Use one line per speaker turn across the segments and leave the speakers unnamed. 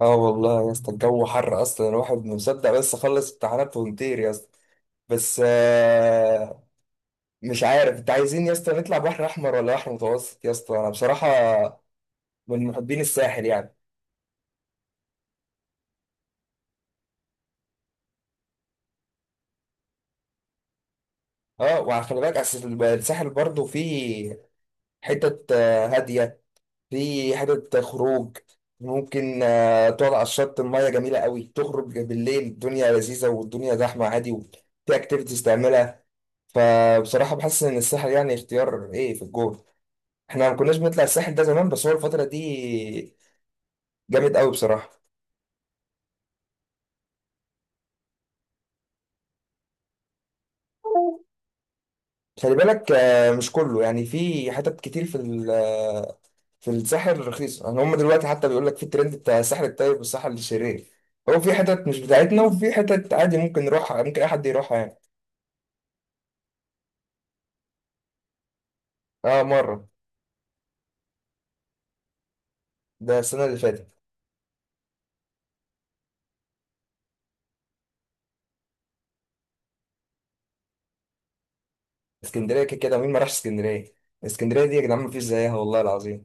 اه والله يا اسطى الجو حر اصلا الواحد مصدق بس خلص امتحانات ونطير يا اسطى. بس مش عارف انت عايزين يا اسطى نطلع بحر احمر ولا بحر متوسط يا اسطى؟ انا بصراحه من محبين الساحل يعني. اه وعلى خلي بالك أصل الساحل برضه فيه حتت هاديه، فيه حتت خروج ممكن تقعد على الشط، الميه جميله قوي، تخرج بالليل الدنيا لذيذه والدنيا زحمه عادي وفي اكتيفيتيز تعملها. فبصراحه بحس ان الساحل يعني اختيار ايه في الجول. احنا ما كناش بنطلع الساحل ده زمان، بس هو الفترة دي جامد قوي بصراحة. خلي بالك مش كله يعني، في حتت كتير في في الساحل رخيصة، يعني هم دلوقتي حتى بيقول لك في الترند بتاع الساحل الطيب والساحل الشرير. هو في حتت مش بتاعتنا وفي حتت عادي ممكن نروحها، ممكن اي حد يروحها يعني. اه مرة. ده السنة اللي فاتت. اسكندرية كده كده مين ما راحش اسكندرية؟ اسكندرية دي يا جدعان مفيش زيها والله العظيم.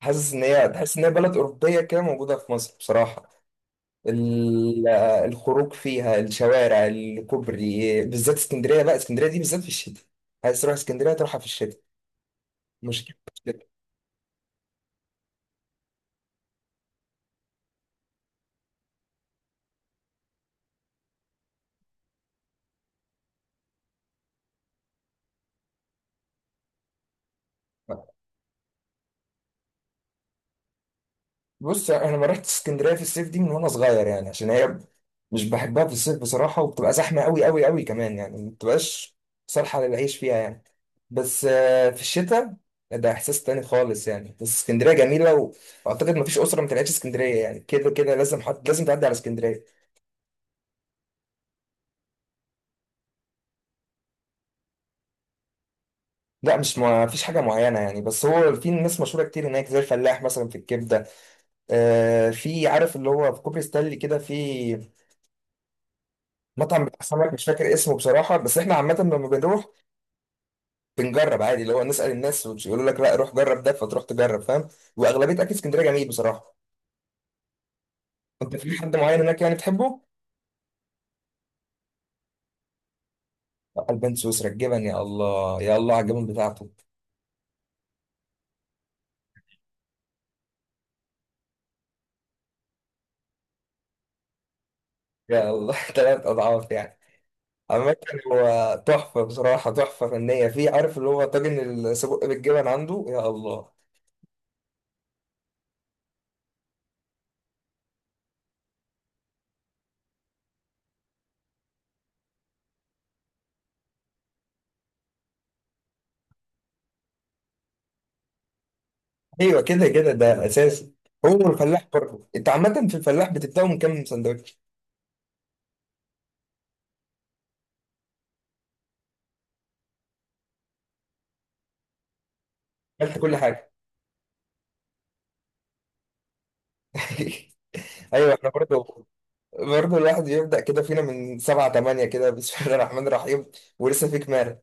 حاسس ان هي تحس ان هي بلد أوروبية كده موجودة في مصر بصراحة. ال- الخروج فيها، الشوارع، الكوبري، بالذات اسكندريه، بقى اسكندريه دي بالذات في الشتاء. عايز تروح اسكندريه تروحها في الشتاء. مشكله في الشتاء. بص انا ما رحت اسكندريه في الصيف دي من وانا صغير، يعني عشان هي مش بحبها في الصيف بصراحه، وبتبقى زحمه قوي قوي قوي كمان، يعني ما بتبقاش صالحه للعيش فيها يعني. بس في الشتاء ده احساس تاني خالص يعني. بس اسكندريه جميله واعتقد ما فيش اسره ما طلعتش اسكندريه، يعني كده كده لازم حد، لازم تعدي على اسكندريه. لا مش ما فيش حاجة معينة يعني، بس هو في ناس مشهورة كتير هناك زي الفلاح مثلا في الكبدة. آه في عارف اللي هو في كوبري ستانلي كده في مطعم بتاع سمك مش فاكر اسمه بصراحة، بس احنا عامة لما بنروح بنجرب عادي، اللي هو نسأل الناس ويقولوا لك لا روح جرب ده، فتروح تجرب فاهم. وأغلبية أكل اسكندرية جميل بصراحة. أنت في حد معين هناك يعني بتحبه؟ البان سويسرا الجبن، يا الله يا الله على الجبن بتاعته. يا الله 3 أضعاف يعني. عامة هو تحفة بصراحة، تحفة فنية، في عارف اللي هو طاجن السجق بالجبن عنده، يا الله. أيوة كده كده ده أساسي. هو الفلاح برضه، أنت عامة في الفلاح بتبدأه من كام سندوتش؟ أكلت كل حاجة. أيوة إحنا برضه الواحد بيبدأ كده فينا من سبعة تمانية كده بسم الله الرحمن الرحيم. ولسه فيك مال.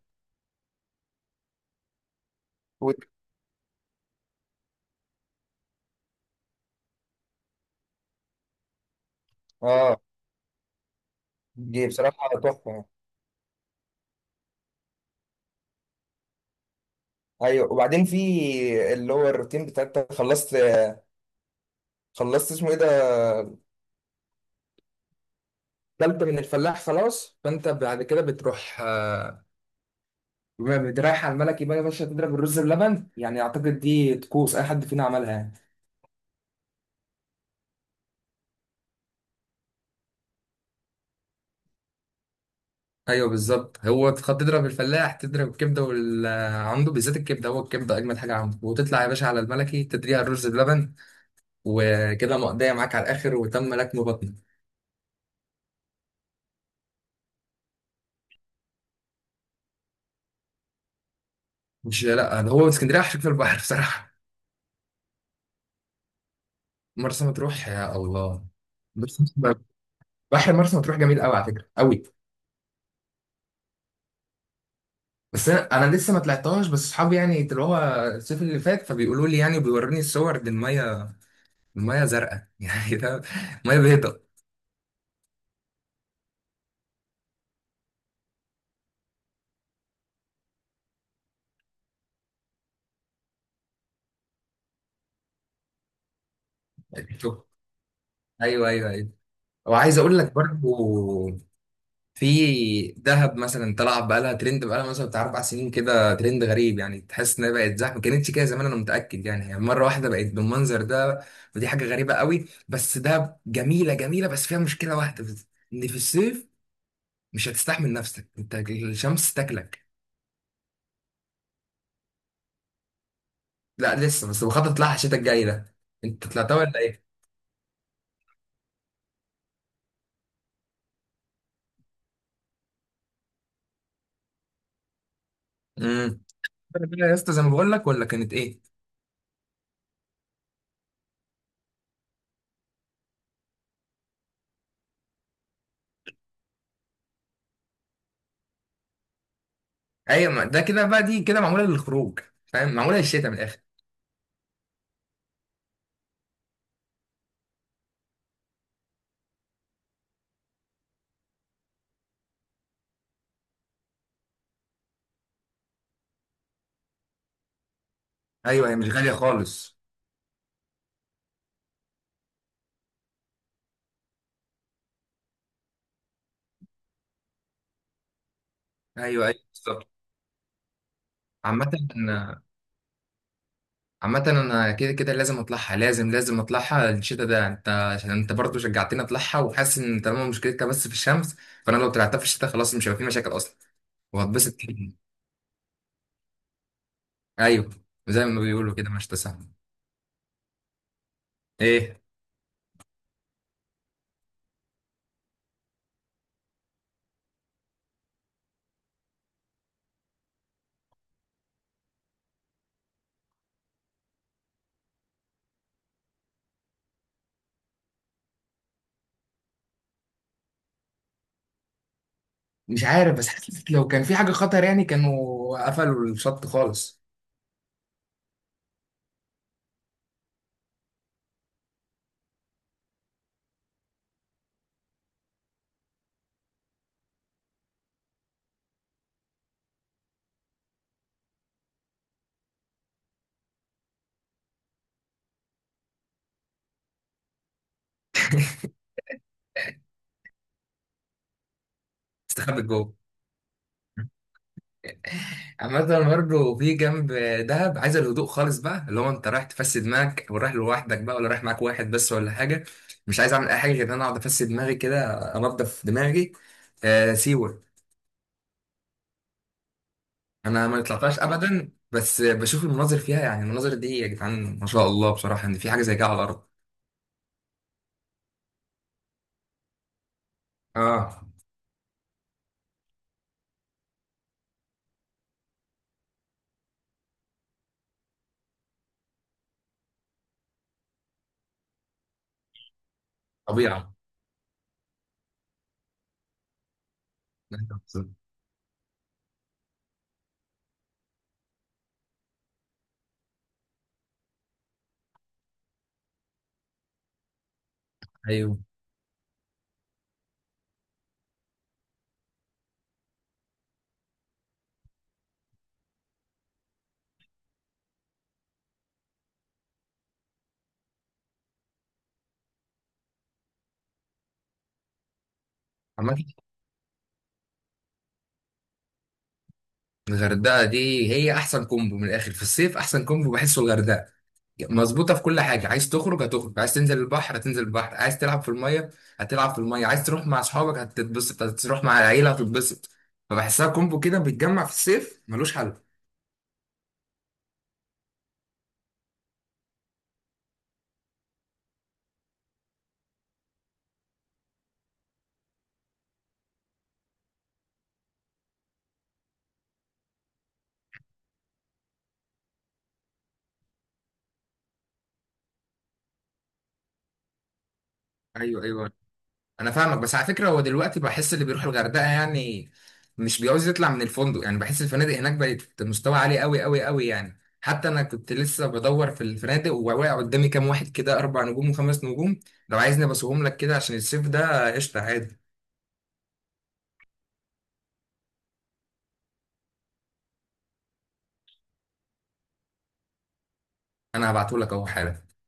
و- آه دي بصراحة تحفة. أيوة وبعدين في اللي هو الروتين بتاع أنت خلصت. خلصت اسمه إيه ده؟ كلت من الفلاح خلاص فأنت بعد كده بتروح جامد. رايح على الملك، يبقى يا باشا تضرب الرز بلبن، يعني اعتقد دي طقوس اي حد فينا عملها يعني. ايوه بالظبط، هو تضرب الفلاح تضرب الكبده وال... عنده بالذات الكبده، هو الكبده اجمد حاجه عنده، وتطلع يا باشا على الملكي تدريها الرز بلبن وكده مقضيه معاك على الاخر وتم لكم بطنك. مش، لا ده هو اسكندريه عشان في البحر بصراحه. مرسى مطروح، يا الله. بس بحر مرسى مطروح جميل قوي على فكره قوي. بس انا، لسه ما طلعتهاش، بس اصحابي يعني اللي هو الصيف اللي فات فبيقولوا لي يعني، بيوروني الصور دي، الميه، المية زرقاء يعني ده مية بيضاء. شوف. ايوه ايوه ايوه. وعايز اقول لك برضو في دهب مثلا طلع بقالها ترند، بقالها مثلا بتاع 4 سنين كده، ترند غريب يعني، تحس انها بقت زحمه ما كانتش كده زمان، انا متاكد، يعني هي مره واحده بقت بالمنظر ده، ودي حاجه غريبه قوي. بس دهب جميله جميله، بس فيها مشكله واحده بس، ان في الصيف مش هتستحمل نفسك انت، الشمس تاكلك. لا لسه، بس بخطط لها الشتاء الجاي ده. انت طلعتها ولا ايه؟ امم. يا اسطى زي ما بقول لك ولا كانت ايه؟ ايوه ما ده كده بقى، دي كده معموله للخروج، فاهم، معموله للشتاء من الاخر. ايوه هي مش غاليه خالص. ايوه ايوه بالظبط. عامة أنا- عامة انا كده كده لازم اطلعها، لازم لازم اطلعها الشتاء ده، انت عشان انت برضه شجعتني اطلعها، وحاسس ان طالما مشكلتها بس في الشمس فانا لو طلعتها في الشتاء خلاص مش هيبقى في مشاكل اصلا، وهتبسط كتير. ايوه زي ما بيقولوا كده مش تسامح. ايه؟ مش عارف، بس حاسس لو كان في حاجه خطر يعني كانوا قفلوا الشط خالص. استخبت جوه. عامة برضه في جنب، دهب عايز الهدوء خالص بقى، اللي هو انت رايح تفسد دماغك او رايح لوحدك بقى ولا رايح معاك واحد بس ولا حاجة، مش عايز اعمل اي حاجة غير ان انا اقعد افسد دماغي كده، انضف دماغي. آه سيوة. انا ما طلعتهاش اه ابدا، بس بشوف المناظر فيها، يعني المناظر دي يا جدعان ما شاء الله بصراحة، ان في حاجة زي كده على الارض. اه طبيعة. ايوه عامة الغردقة دي هي احسن كومبو من الاخر في الصيف، احسن كومبو بحسه الغردقة، مظبوطه في كل حاجه، عايز تخرج هتخرج، عايز تنزل البحر هتنزل البحر، عايز تلعب في الميه هتلعب في الميه، عايز تروح مع اصحابك هتتبسط، هتروح مع العيله هتتبسط، فبحسها كومبو كده بيتجمع في الصيف ملوش حل. ايوه ايوه. انا فاهمك، بس على فكره هو دلوقتي بحس اللي بيروح الغردقه يعني مش بيعوز يطلع من الفندق، يعني بحس الفنادق هناك بقت مستوى عالي قوي قوي قوي يعني، حتى انا كنت لسه بدور في الفنادق وواقع قدامي كام واحد كده، 4 نجوم وخمس نجوم. لو عايزني ابصهم لك كده عشان الصيف ده قشطه عادي. انا هبعته لك اهو حالا.